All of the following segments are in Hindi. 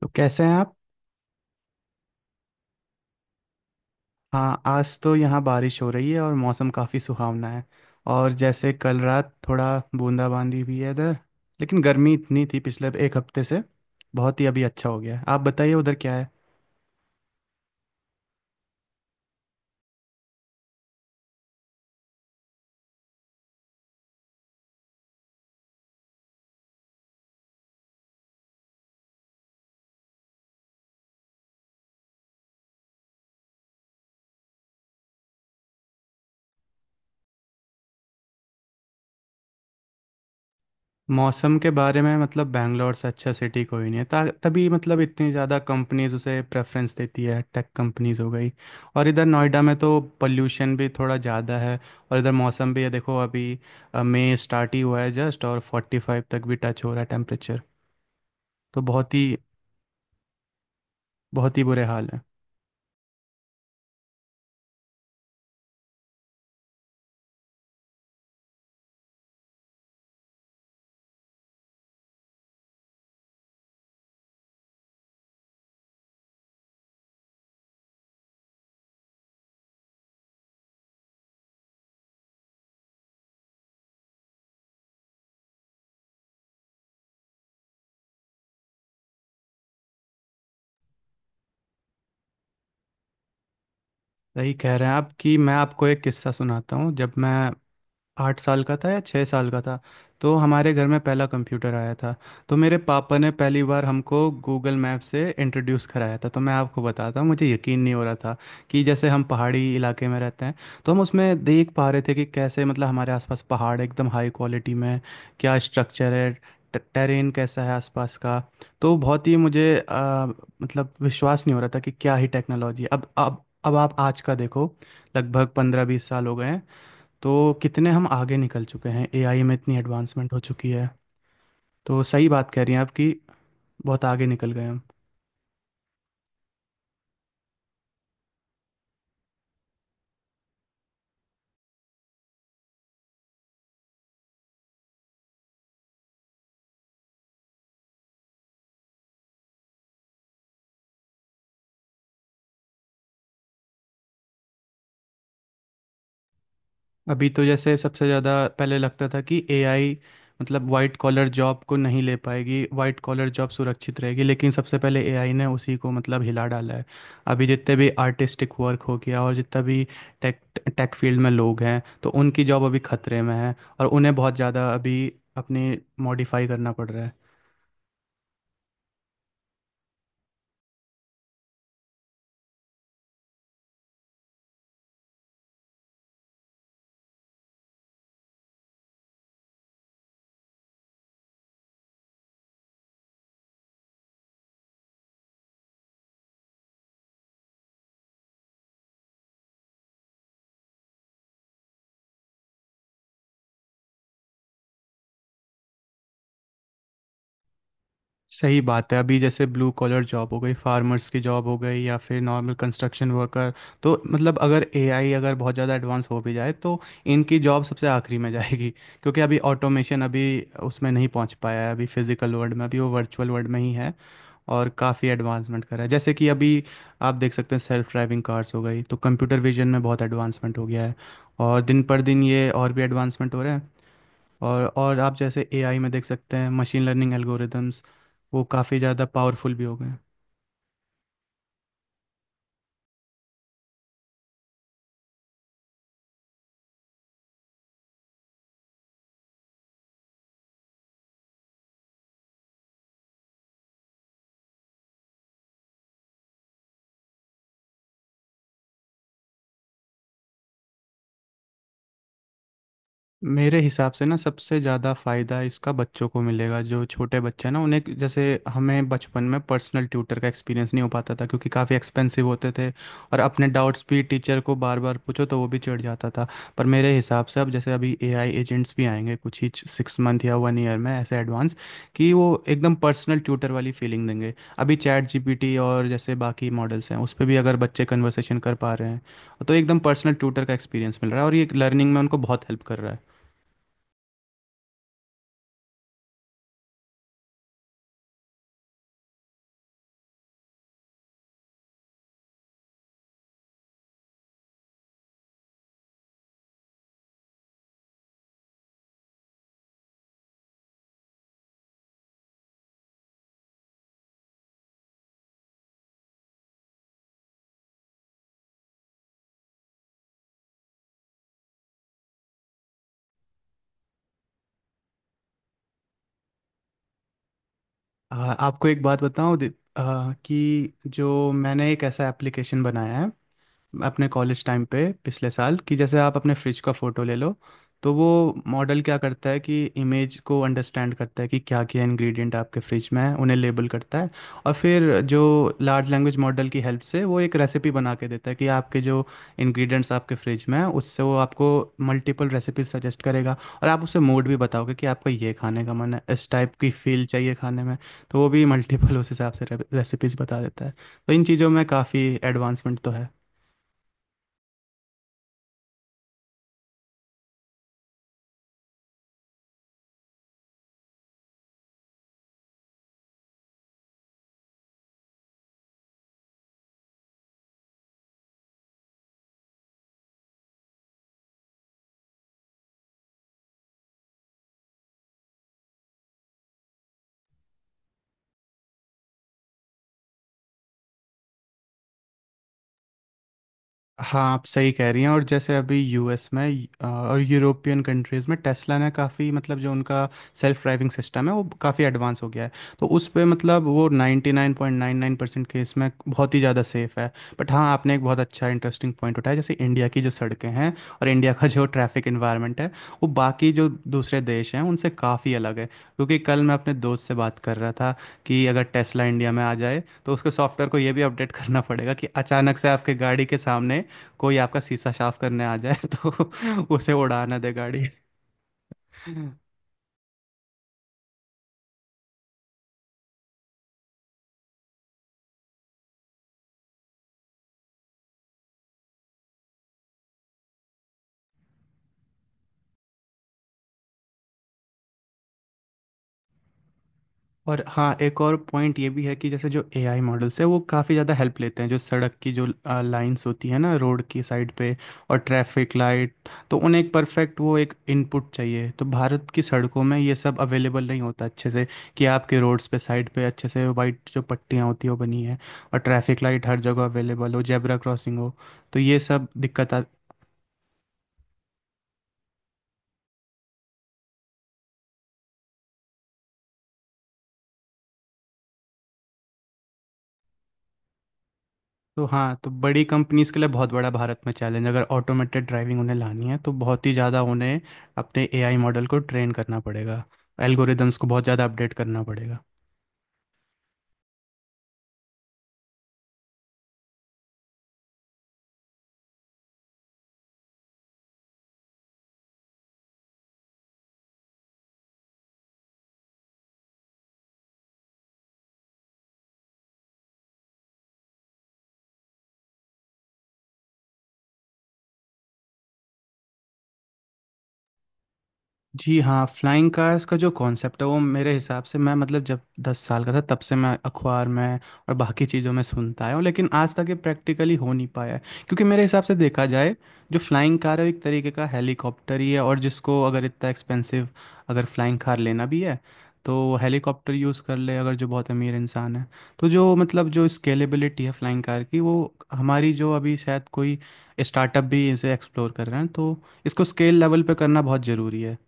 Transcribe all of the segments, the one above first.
तो कैसे हैं आप? हाँ, आज तो यहाँ बारिश हो रही है और मौसम काफ़ी सुहावना है। और जैसे कल रात थोड़ा बूंदाबांदी भी है इधर। लेकिन गर्मी इतनी थी पिछले एक हफ्ते से। बहुत ही अभी अच्छा हो गया है। आप बताइए उधर क्या है? मौसम के बारे में मतलब बैंगलोर से अच्छा सिटी कोई नहीं है ता तभी मतलब इतनी ज़्यादा कंपनीज उसे प्रेफरेंस देती है, टेक कंपनीज हो गई। और इधर नोएडा में तो पोल्यूशन भी थोड़ा ज़्यादा है। और इधर मौसम भी है देखो, अभी मई स्टार्ट ही हुआ है जस्ट, और फोर्टी फाइव तक भी टच हो रहा है टेम्परेचर। तो बहुत ही बुरे हाल है। सही कह रहे हैं आप। कि मैं आपको एक किस्सा सुनाता हूँ। जब मैं 8 साल का था या 6 साल का था, तो हमारे घर में पहला कंप्यूटर आया था। तो मेरे पापा ने पहली बार हमको गूगल मैप से इंट्रोड्यूस कराया था। तो मैं आपको बताता हूँ, मुझे यकीन नहीं हो रहा था कि जैसे हम पहाड़ी इलाके में रहते हैं, तो हम उसमें देख पा रहे थे कि कैसे मतलब हमारे आसपास पहाड़ एकदम हाई क्वालिटी में है, क्या स्ट्रक्चर है, टेरेन कैसा है आसपास का। तो बहुत ही मुझे मतलब विश्वास नहीं हो रहा था कि क्या ही टेक्नोलॉजी है। अब आप आज का देखो, लगभग 15-20 साल हो गए हैं, तो कितने हम आगे निकल चुके हैं। एआई में इतनी एडवांसमेंट हो चुकी है। तो सही बात कह रही हैं आप कि बहुत आगे निकल गए हम। अभी तो जैसे सबसे ज़्यादा पहले लगता था कि एआई मतलब वाइट कॉलर जॉब को नहीं ले पाएगी, वाइट कॉलर जॉब सुरक्षित रहेगी, लेकिन सबसे पहले एआई ने उसी को मतलब हिला डाला है। अभी जितने भी आर्टिस्टिक वर्क हो गया और जितना भी टेक टेक फील्ड में लोग हैं, तो उनकी जॉब अभी खतरे में है और उन्हें बहुत ज़्यादा अभी अपनी मॉडिफाई करना पड़ रहा है। सही बात है। अभी जैसे ब्लू कॉलर जॉब हो गई, फार्मर्स की जॉब हो गई, या फिर नॉर्मल कंस्ट्रक्शन वर्कर, तो मतलब अगर एआई अगर बहुत ज़्यादा एडवांस हो भी जाए, तो इनकी जॉब सबसे आखिरी में जाएगी, क्योंकि अभी ऑटोमेशन अभी उसमें नहीं पहुंच पाया है। अभी फिजिकल वर्ल्ड में अभी वो, वर्चुअल वर्ल्ड में ही है। और काफ़ी एडवांसमेंट करा है। जैसे कि अभी आप देख सकते हैं, सेल्फ ड्राइविंग कार्स हो गई, तो कंप्यूटर विजन में बहुत एडवांसमेंट हो गया है और दिन पर दिन ये और भी एडवांसमेंट हो रहे हैं। और आप जैसे एआई में देख सकते हैं, मशीन लर्निंग एल्गोरिदम्स, वो काफ़ी ज़्यादा पावरफुल भी हो गए हैं। मेरे हिसाब से ना सबसे ज़्यादा फ़ायदा इसका बच्चों को मिलेगा। जो छोटे बच्चे हैं ना, उन्हें जैसे, हमें बचपन में पर्सनल ट्यूटर का एक्सपीरियंस नहीं हो पाता था क्योंकि काफ़ी एक्सपेंसिव होते थे। और अपने डाउट्स भी टीचर को बार बार पूछो तो वो भी चिढ़ जाता था। पर मेरे हिसाब से अब जैसे अभी एआई एजेंट्स भी आएंगे कुछ ही 6 मंथ या 1 ईयर में, ऐसे एडवांस कि वो एकदम पर्सनल ट्यूटर वाली फीलिंग देंगे। अभी चैट जीपीटी और जैसे बाकी मॉडल्स हैं, उस पर भी अगर बच्चे कन्वर्सेशन कर पा रहे हैं तो एकदम पर्सनल ट्यूटर का एक्सपीरियंस मिल रहा है और ये लर्निंग में उनको बहुत हेल्प कर रहा है। आपको एक बात बताऊं कि जो मैंने एक ऐसा एप्लीकेशन बनाया है अपने कॉलेज टाइम पे, पिछले साल, कि जैसे आप अपने फ्रिज का फ़ोटो ले लो। तो वो मॉडल क्या करता है कि इमेज को अंडरस्टैंड करता है कि क्या क्या इंग्रेडिएंट आपके फ्रिज में है, उन्हें लेबल करता है। और फिर जो लार्ज लैंग्वेज मॉडल की हेल्प से वो एक रेसिपी बना के देता है कि आपके जो इंग्रेडिएंट्स आपके फ्रिज में है उससे वो आपको मल्टीपल रेसिपीज सजेस्ट करेगा। और आप उसे मूड भी बताओगे कि आपका ये खाने का मन है, इस टाइप की फील चाहिए खाने में, तो वो भी मल्टीपल उस हिसाब से रेसिपीज बता देता है। तो इन चीज़ों में काफ़ी एडवांसमेंट तो है। हाँ, आप सही कह रही हैं। और जैसे अभी यूएस में और यूरोपियन कंट्रीज़ में टेस्ला ने काफ़ी मतलब, जो उनका सेल्फ ड्राइविंग सिस्टम है, वो काफ़ी एडवांस हो गया है। तो उस पे मतलब वो 99.99% केस में बहुत ही ज़्यादा सेफ है। बट हाँ, आपने एक बहुत अच्छा इंटरेस्टिंग पॉइंट उठाया। जैसे इंडिया की जो सड़कें हैं और इंडिया का जो ट्रैफिक इन्वायरमेंट है, वो बाकी जो दूसरे देश हैं उनसे काफ़ी अलग है। क्योंकि कल मैं अपने दोस्त से बात कर रहा था कि अगर टेस्ला इंडिया में आ जाए, तो उसके सॉफ्टवेयर को ये भी अपडेट करना पड़ेगा कि अचानक से आपके गाड़ी के सामने कोई आपका शीशा साफ करने आ जाए तो उसे उड़ा ना दे गाड़ी। और हाँ, एक और पॉइंट ये भी है कि जैसे जो एआई मॉडल्स है वो काफ़ी ज़्यादा हेल्प लेते हैं जो सड़क की जो लाइंस होती है ना रोड की साइड पे, और ट्रैफिक लाइट, तो उन्हें एक परफेक्ट, वो एक इनपुट चाहिए। तो भारत की सड़कों में ये सब अवेलेबल नहीं होता अच्छे से कि आपके रोड्स पे साइड पे अच्छे से वाइट जो पट्टियाँ होती है वो बनी है और ट्रैफिक लाइट हर जगह अवेलेबल हो, जेब्रा क्रॉसिंग हो। तो ये सब दिक्कत तो हाँ, तो बड़ी कंपनीज के लिए बहुत बड़ा भारत में चैलेंज, अगर ऑटोमेटेड ड्राइविंग उन्हें लानी है तो बहुत ही ज़्यादा उन्हें अपने एआई मॉडल को ट्रेन करना पड़ेगा, एल्गोरिदम्स को बहुत ज़्यादा अपडेट करना पड़ेगा। जी हाँ, फ्लाइंग कार्स का जो कॉन्सेप्ट है वो, मेरे हिसाब से मैं मतलब जब 10 साल का था तब से मैं अखबार में और बाकी चीज़ों में सुनता आया हूँ, लेकिन आज तक ये प्रैक्टिकली हो नहीं पाया है। क्योंकि मेरे हिसाब से देखा जाए, जो फ्लाइंग कार है वो एक तरीके का हेलीकॉप्टर ही है, और जिसको अगर इतना एक्सपेंसिव, अगर फ्लाइंग कार लेना भी है तो वो हेलीकॉप्टर यूज़ कर ले अगर जो बहुत अमीर इंसान है। तो जो मतलब जो स्केलेबिलिटी है फ्लाइंग कार की, वो हमारी, जो अभी शायद कोई स्टार्टअप भी इसे एक्सप्लोर कर रहे हैं, तो इसको स्केल लेवल पे करना बहुत ज़रूरी है।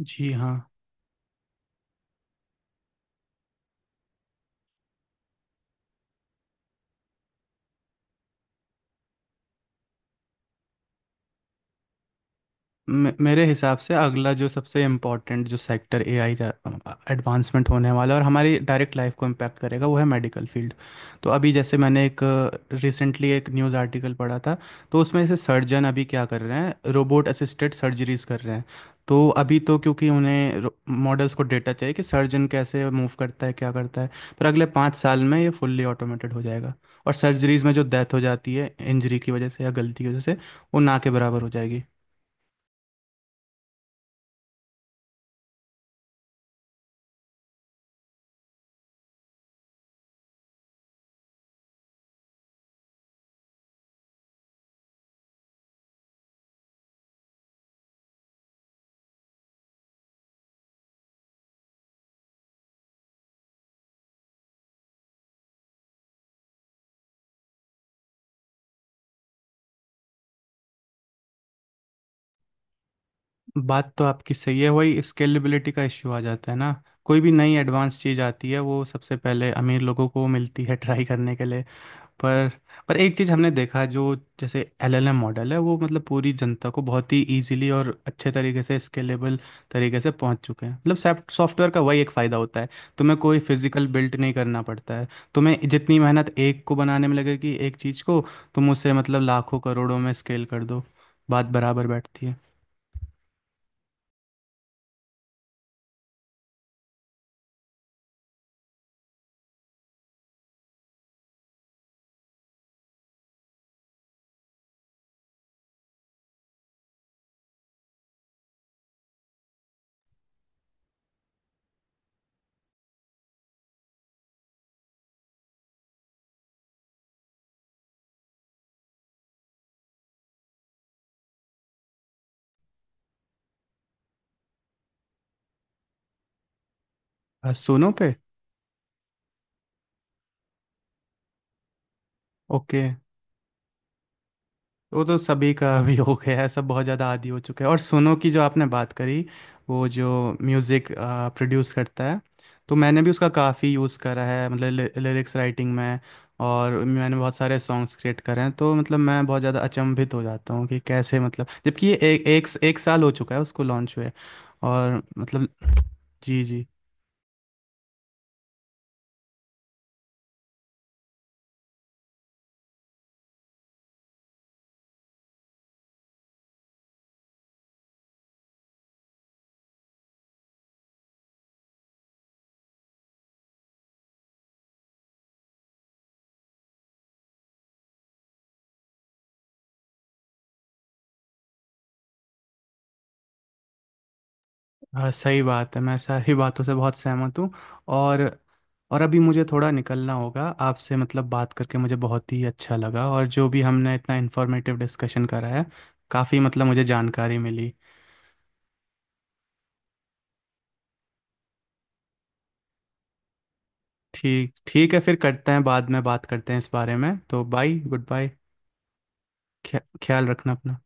जी हाँ। मेरे हिसाब से अगला जो सबसे इम्पोर्टेंट जो सेक्टर एआई का एडवांसमेंट होने वाला है और हमारी डायरेक्ट लाइफ को इम्पैक्ट करेगा, वो है मेडिकल फील्ड। तो अभी जैसे मैंने एक रिसेंटली एक न्यूज़ आर्टिकल पढ़ा था, तो उसमें से सर्जन अभी क्या कर रहे हैं, रोबोट असिस्टेड सर्जरीज कर रहे हैं। तो अभी तो क्योंकि उन्हें मॉडल्स को डेटा चाहिए कि सर्जन कैसे मूव करता है, क्या करता है, पर अगले 5 साल में ये फुल्ली ऑटोमेटेड हो जाएगा। और सर्जरीज में जो डेथ हो जाती है इंजरी की वजह से या गलती की वजह से, वो ना के बराबर हो जाएगी। बात तो आपकी सही है, वही स्केलेबिलिटी का इश्यू आ जाता है ना। कोई भी नई एडवांस चीज़ आती है वो सबसे पहले अमीर लोगों को मिलती है ट्राई करने के लिए। पर पर एक चीज़ हमने देखा, जो जैसे एलएलएम मॉडल है, वो मतलब पूरी जनता को बहुत ही इजीली और अच्छे तरीके से, स्केलेबल तरीके से पहुंच चुके हैं। मतलब सॉफ्टवेयर का वही एक फ़ायदा होता है, तुम्हें कोई फिजिकल बिल्ड नहीं करना पड़ता है। तुम्हें जितनी मेहनत एक को बनाने में लगेगी एक चीज़ को, तुम उसे मतलब लाखों करोड़ों में स्केल कर दो। बात बराबर बैठती है। सोनू पे? ओके। वो तो सभी का अभी हो गया है, सब बहुत ज़्यादा आदी हो चुके हैं। और सुनो की जो आपने बात करी, वो जो म्यूज़िक प्रोड्यूस करता है, तो मैंने भी उसका काफ़ी यूज़ करा है, मतलब लिरिक्स राइटिंग में। और मैंने बहुत सारे सॉन्ग्स क्रिएट करे हैं। तो मतलब, मैं बहुत ज़्यादा अचंभित हो जाता हूँ कि कैसे, मतलब जबकि ये एक एक एक साल हो चुका है उसको लॉन्च हुए। और मतलब, जी, जी हाँ, सही बात है, मैं सारी बातों से बहुत सहमत हूँ। और और अभी मुझे थोड़ा निकलना होगा। आपसे मतलब बात करके मुझे बहुत ही अच्छा लगा, और जो भी हमने इतना इन्फॉर्मेटिव डिस्कशन करा है, काफ़ी मतलब मुझे जानकारी मिली। ठीक, ठीक है, फिर करते हैं, बाद में बात करते हैं इस बारे में। तो बाय, गुड बाय। ख्याल रखना अपना।